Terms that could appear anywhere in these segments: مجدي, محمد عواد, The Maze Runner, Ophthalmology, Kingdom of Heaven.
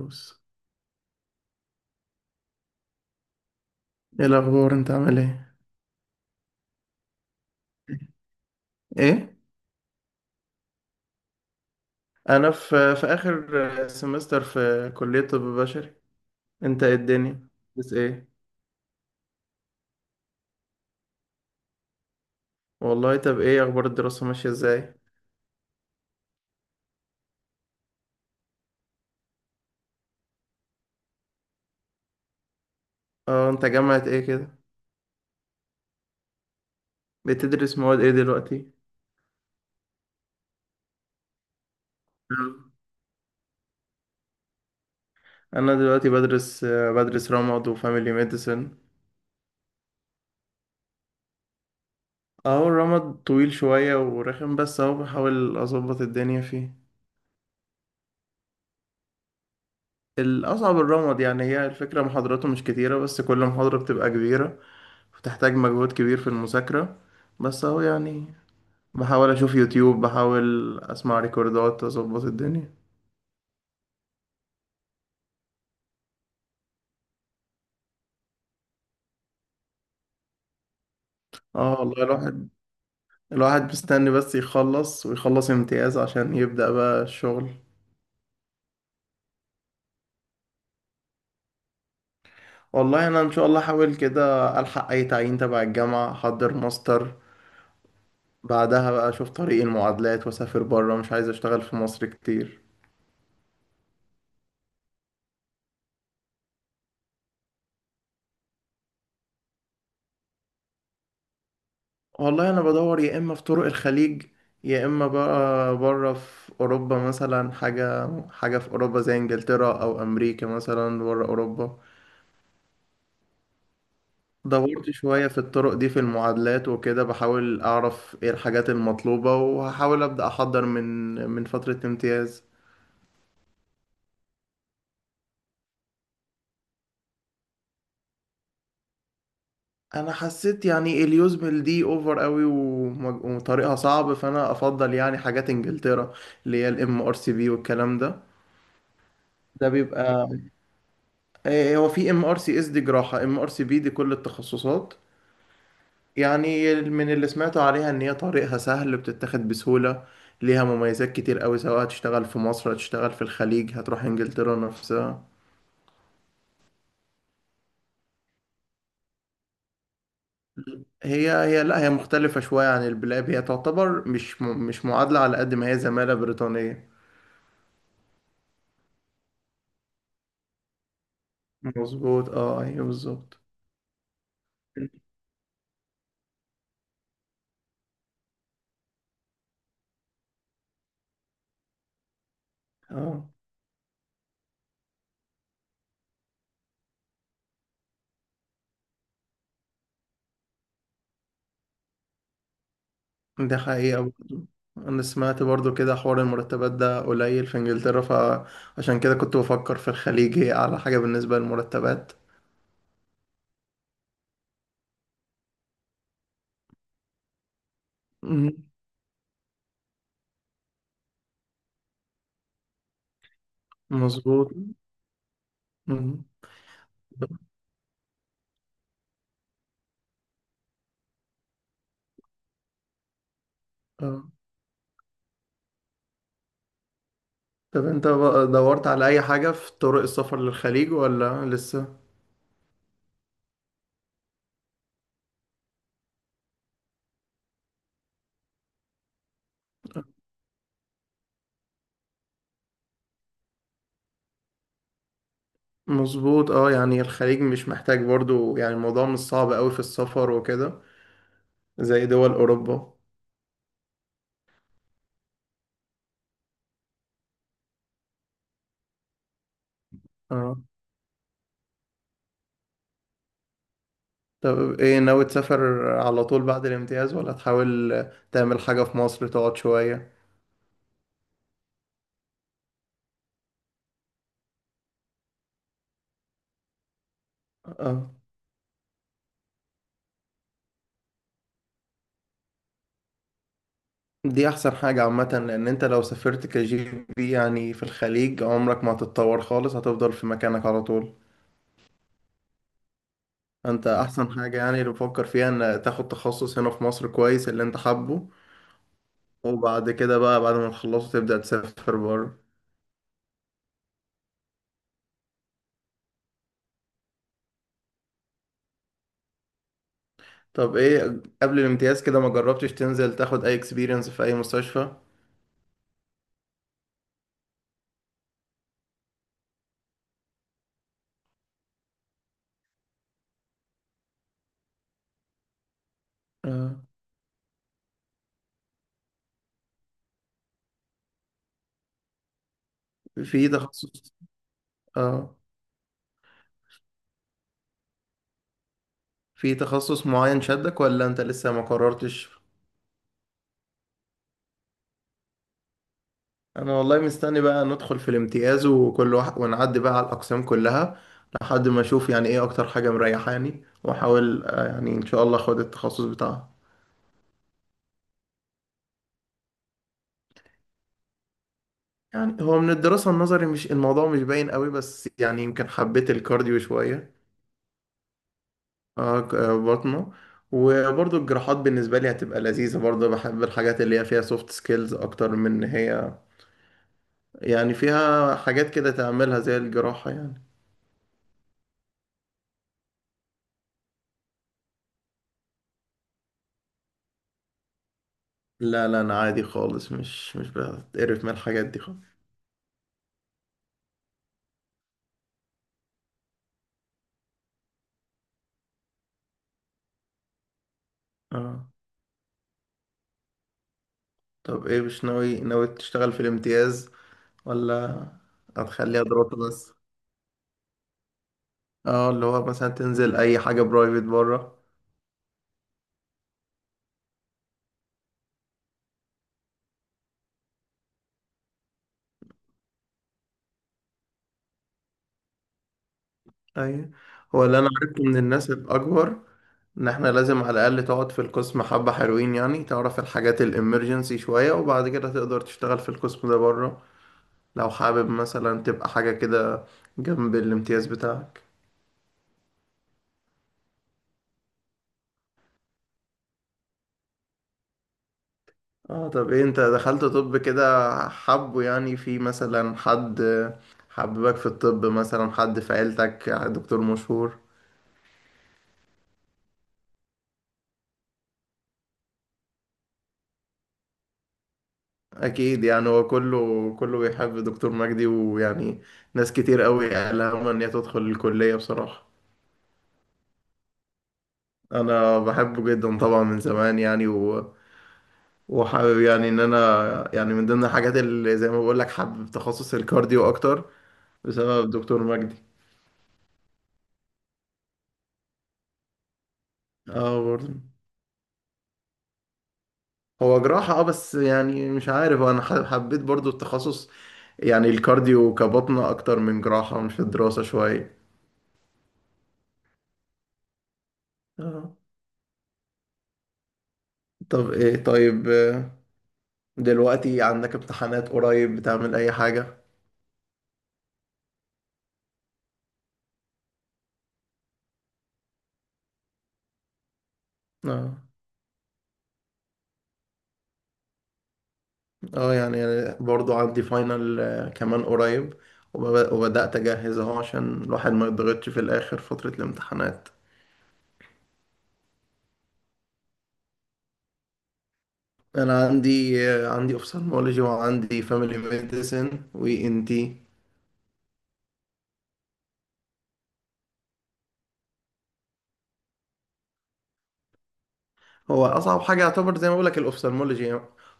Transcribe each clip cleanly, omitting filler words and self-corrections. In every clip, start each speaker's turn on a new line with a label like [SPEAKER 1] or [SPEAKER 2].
[SPEAKER 1] بص، ايه الاخبار؟ انت عامل ايه؟ ايه، انا في اخر سمستر في كلية طب بشري. انت ايه الدنيا؟ بس ايه؟ والله طب ايه اخبار الدراسة؟ ماشية ازاي؟ اه، انت جامعة ايه كده؟ بتدرس مواد ايه دلوقتي؟ مم. انا دلوقتي بدرس رمد وفاميلي ميديسن. اه، الرمد طويل شوية ورخم، بس اهو بحاول اظبط الدنيا فيه. الاصعب الرمد يعني. هي الفكرة محاضراته مش كتيرة، بس كل محاضرة بتبقى كبيرة، بتحتاج مجهود كبير في المذاكرة، بس اهو يعني بحاول اشوف يوتيوب، بحاول اسمع ريكوردات، اظبط الدنيا. اه والله، الواحد مستني بس يخلص ويخلص امتياز عشان يبدأ بقى الشغل. والله انا ان شاء الله احاول كده الحق اي تعيين تبع الجامعة، احضر ماستر، بعدها بقى اشوف طريق المعادلات واسافر بره. مش عايز اشتغل في مصر كتير. والله انا بدور يا اما في طرق الخليج، يا اما بقى بره في اوروبا، مثلا حاجه في اوروبا زي انجلترا او امريكا، مثلا بره اوروبا. دورت شويه في الطرق دي في المعادلات وكده، بحاول اعرف ايه الحاجات المطلوبه، وهحاول ابدا احضر من فتره امتياز. انا حسيت يعني اليوزمل دي اوفر قوي، وطريقها صعب، فانا افضل يعني حاجات انجلترا اللي هي الام ار سي بي والكلام ده. ده بيبقى هو في ام ار سي اس دي جراحة، ام ار سي بي دي كل التخصصات. يعني من اللي سمعته عليها ان هي طريقها سهل، بتتاخد بسهولة، ليها مميزات كتير قوي، سواء هتشتغل في مصر، هتشتغل في الخليج، هتروح انجلترا نفسها. هي لا، هي مختلفة شوية عن البلاب. هي تعتبر مش مش معادلة، على قد ما هي زمالة بريطانية. مظبوط، اه ايوه بالظبط. اه ده حقيقة برضه. أنا سمعت برضه كده حوار المرتبات ده قليل في إنجلترا، فعشان كده كنت بفكر في الخليج، هي أعلى حاجة بالنسبة للمرتبات. مم. مظبوط. مم. آه. طب أنت بقى دورت على أي حاجة في طرق السفر للخليج ولا لسه؟ مظبوط، اه يعني الخليج مش محتاج برضه، يعني الموضوع مش صعب أوي في السفر وكده، زي دول أوروبا. اه طب ايه، ناوي تسافر على طول بعد الامتياز، ولا تحاول تعمل حاجة في مصر تقعد شوية؟ اه دي احسن حاجة عامة، لان انت لو سافرت كجي بي يعني في الخليج، عمرك ما هتتطور خالص، هتفضل في مكانك على طول. انت احسن حاجة يعني اللي بفكر فيها ان تاخد تخصص هنا في مصر كويس اللي انت حابه، وبعد كده بقى بعد ما تخلصه تبدأ تسافر بره. طب ايه، قبل الامتياز كده ما جربتش تنزل تاخد اي اكسبيرينس في اي مستشفى؟ اه، في تخصص. اه، في تخصص معين شدك ولا انت لسه ما قررتش؟ انا والله مستني بقى ندخل في الامتياز، وكل واحد ونعدي بقى على الاقسام كلها، لحد ما اشوف يعني ايه اكتر حاجه مريحاني، واحاول يعني ان شاء الله اخد التخصص بتاعها. يعني هو من الدراسه النظري مش الموضوع مش باين قوي، بس يعني يمكن حبيت الكارديو شويه. بطنه. وبرضه الجراحات بالنسبه لي هتبقى لذيذه برضه. بحب الحاجات اللي هي فيها سوفت سكيلز اكتر من ان هي يعني فيها حاجات كده تعملها زي الجراحه يعني. لا لا، انا عادي خالص، مش بتقرف من الحاجات دي. اه طب ايه، مش ناوي تشتغل في الامتياز، ولا هتخليها دراسة بس؟ اه، اللي هو مثلا تنزل اي حاجة برايفت بره. اي، هو اللي انا عرفته من الناس الاكبر ان احنا لازم على الاقل تقعد في القسم حبة حلوين، يعني تعرف الحاجات الامرجنسي شوية، وبعد كده تقدر تشتغل في القسم ده بره، لو حابب مثلا تبقى حاجة كده جنب الامتياز بتاعك. اه طب ايه، انت دخلت طب كده، حبه يعني في مثلا حد، حببك في الطب، مثلا حد في عيلتك دكتور مشهور؟ اكيد، يعني هو كله بيحب دكتور مجدي، ويعني ناس كتير قوي قالها ان هي تدخل الكلية بصراحة. انا بحبه جدا طبعا من زمان يعني، وحابب يعني ان انا، يعني من ضمن الحاجات اللي زي ما بقول لك، حابب تخصص الكارديو اكتر بسبب دكتور مجدي. اه برضه. هو جراحة اه، بس يعني مش عارف انا حبيت برضو التخصص. يعني الكارديو كبطنة اكتر من جراحة، مش في الدراسة شوية. اه طب ايه، طيب دلوقتي عندك امتحانات قريب؟ بتعمل اي حاجة؟ اه. اه يعني أنا برضو عندي فاينل كمان قريب. وبدأت اجهز اهو عشان الواحد ما يضغطش في الاخر فترة الامتحانات. انا عندي عندي اوفثالمولوجي، وعندي فاميلي ميديسن، وي ان تي. هو اصعب حاجه يعتبر زي ما بقول لك الاوفثالمولوجي.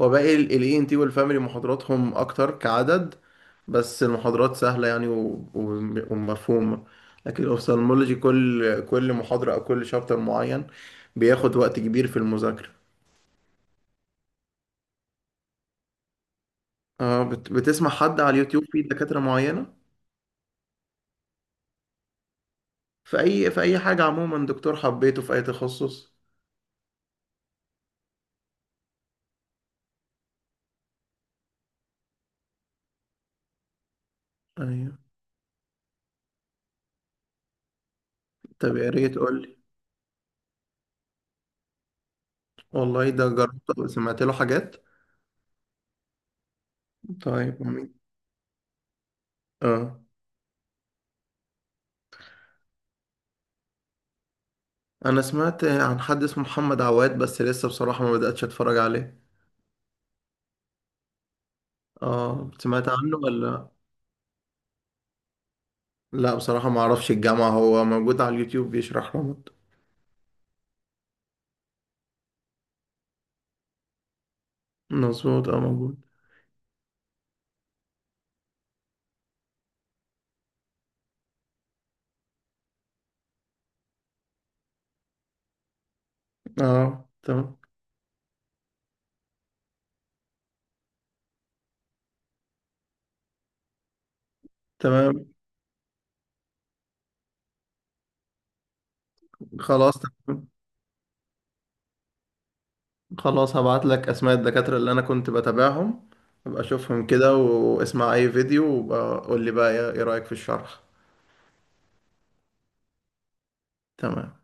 [SPEAKER 1] هو باقي الاي ان تي والفاميلي، محاضراتهم اكتر كعدد، بس المحاضرات سهله يعني ومفهومه. لكن الاوفثالمولوجي كل محاضره او كل شابتر معين بياخد وقت كبير في المذاكره. اه بتسمع حد على اليوتيوب في دكاتره معينه في اي، في اي حاجه عموما، دكتور حبيته في اي تخصص؟ ايوه. طب يا ريت قول لي. والله ده جربت سمعت له حاجات. طيب جميل. اه، انا سمعت عن حد اسمه محمد عواد، بس لسه بصراحة ما بدأتش اتفرج عليه. اه، سمعت عنه ولا؟ لا بصراحة ما اعرفش الجامعة. هو موجود على اليوتيوب بيشرح رمض. مظبوط اه موجود. اه تمام. تمام. خلاص. خلاص هبعت لك اسماء الدكاترة اللي انا كنت بتابعهم. ابقى اشوفهم كده واسمع اي فيديو وقول لي بقى إيه رأيك في الشرح. تمام.